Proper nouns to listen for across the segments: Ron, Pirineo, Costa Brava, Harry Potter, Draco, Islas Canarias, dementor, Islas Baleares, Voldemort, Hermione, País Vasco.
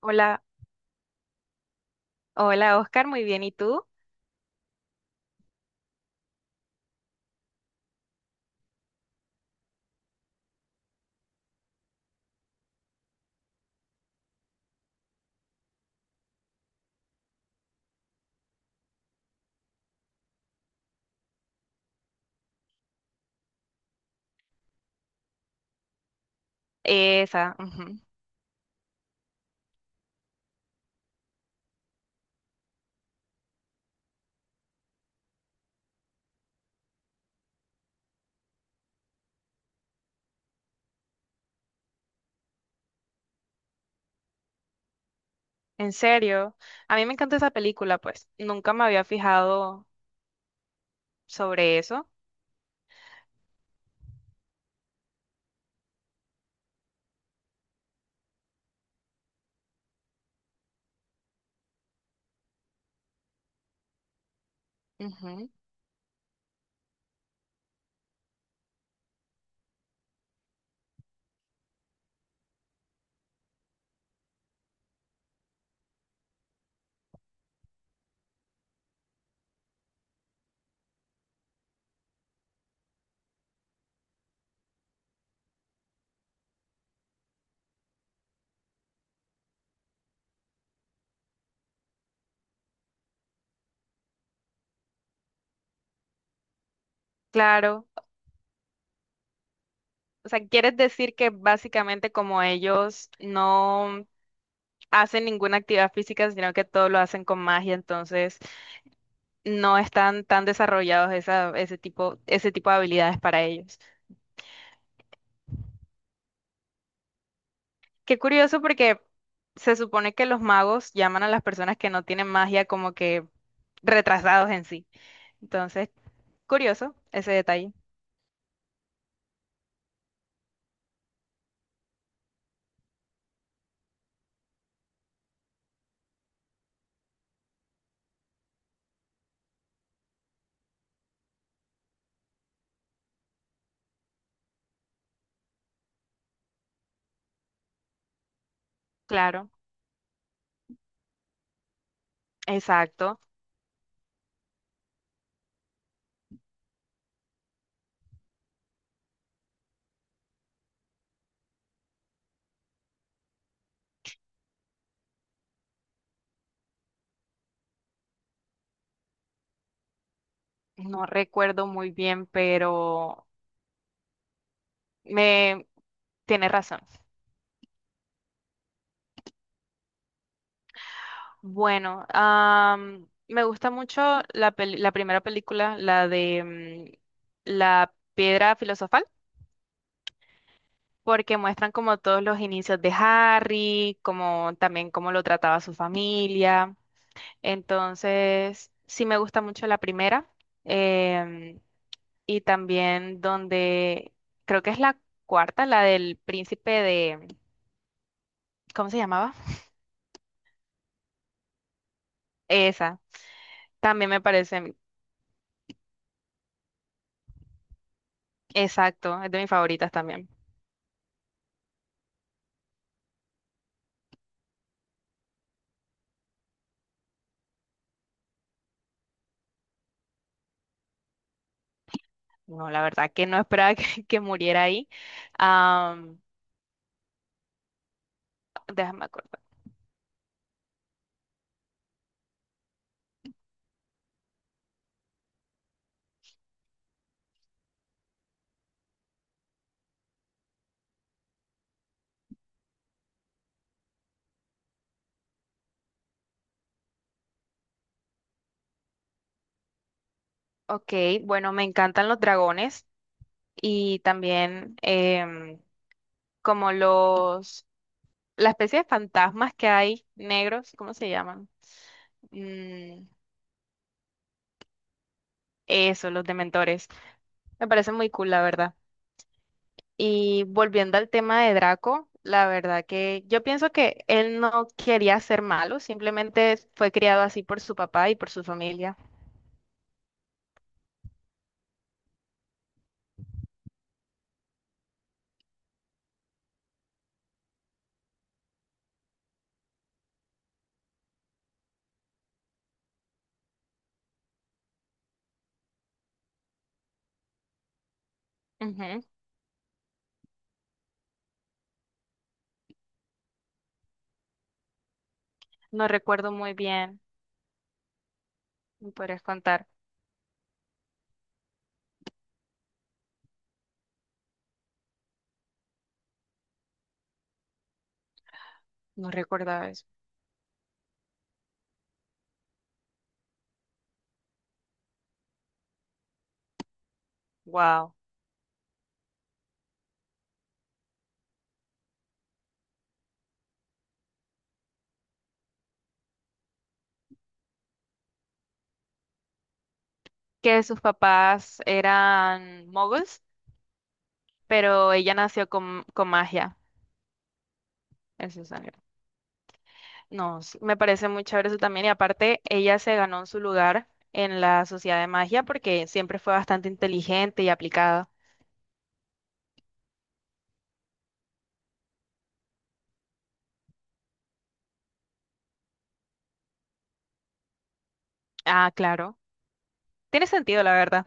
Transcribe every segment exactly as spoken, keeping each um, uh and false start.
Hola, hola Oscar, muy bien. ¿Y tú? Esa, ujú. En serio, a mí me encanta esa película, pues nunca me había fijado sobre eso. Ujú. Claro, o sea, ¿quieres decir que básicamente como ellos no hacen ninguna actividad física, sino que todo lo hacen con magia, entonces no están tan desarrollados esa, ese tipo, ese tipo de habilidades para ellos? Qué curioso porque se supone que los magos llaman a las personas que no tienen magia como que retrasados en sí. Entonces, curioso ese detalle. Claro, exacto. No recuerdo muy bien, pero me tiene razón. Bueno, am, me gusta mucho la peli- la primera película, la de mm, la piedra filosofal, porque muestran como todos los inicios de Harry, como también cómo lo trataba su familia. Entonces, sí me gusta mucho la primera em, y también donde creo que es la cuarta, la del príncipe de, ¿cómo se llamaba? Esa, también me parece, exacto, es de mis favoritas también. No, la verdad que no esperaba que, que muriera ahí. Am, Déjame acordar. Ok, bueno, me encantan los dragones y también em, como los, la especie de fantasmas que hay negros, ¿cómo se llaman? Mm, eso, los dementores. Me parece muy cool, la verdad. Y volviendo al tema de Draco, la verdad que yo pienso que él no quería ser malo, simplemente fue criado así por su papá y por su familia. Ujú. No recuerdo muy bien, me podrías contar. No recordaba eso. Wow. Que sus papás eran muggles, pero ella nació con, con magia. Eso es. No, sí, me parece muy chévere eso también. Y aparte, ella se ganó su lugar en la sociedad de magia porque siempre fue bastante inteligente y aplicada. Ah, claro. Tiene sentido, la verdad.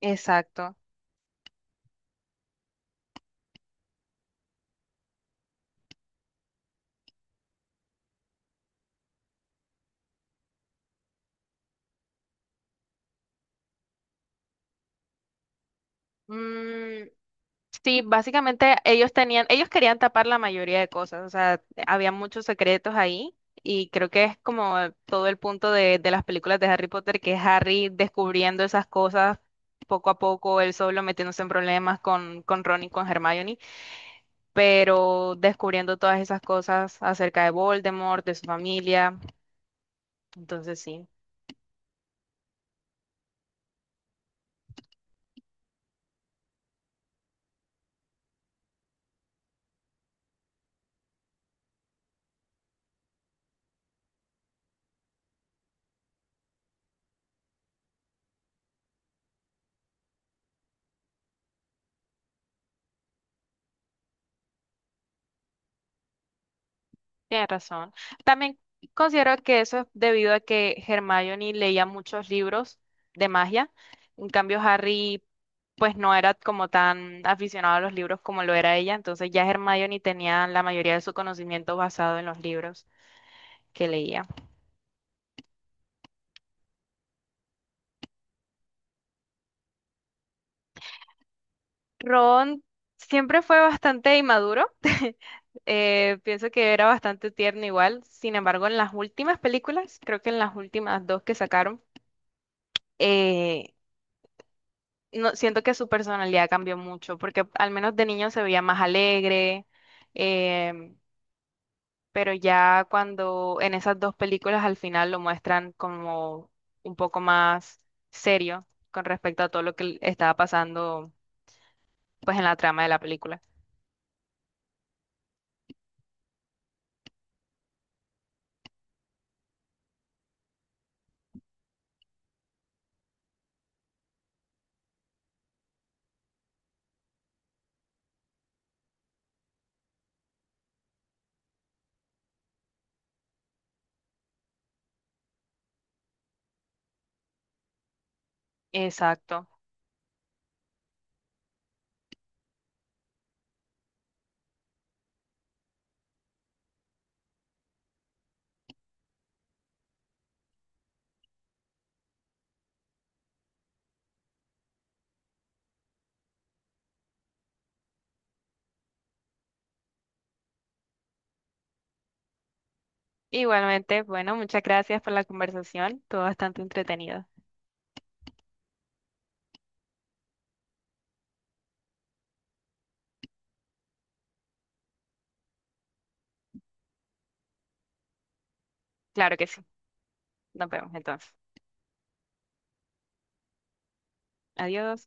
Exacto. Mm, sí, básicamente ellos tenían, ellos querían tapar la mayoría de cosas. O sea, había muchos secretos ahí. Y creo que es como todo el punto de, de las películas de Harry Potter, que es Harry descubriendo esas cosas poco a poco, él solo metiéndose en problemas con, con Ron y con Hermione, pero descubriendo todas esas cosas acerca de Voldemort, de su familia. Entonces sí, tienes razón. También considero que eso es debido a que Hermione leía muchos libros de magia. En cambio, Harry, pues no era como tan aficionado a los libros como lo era ella. Entonces ya Hermione tenía la mayoría de su conocimiento basado en los libros que leía. Ron siempre fue bastante inmaduro. Eh, pienso que era bastante tierno igual. Sin embargo, en las últimas películas, creo que en las últimas dos que sacaron, eh, no, siento que su personalidad cambió mucho, porque al menos de niño se veía más alegre, em, pero ya cuando en esas dos películas al final lo muestran como un poco más serio con respecto a todo lo que l- estaba pasando pues en la trama de la película. Exacto. Igualmente, bueno, muchas gracias por la conversación, todo bastante entretenido. Claro que sí. Nos vemos entonces. Adiós.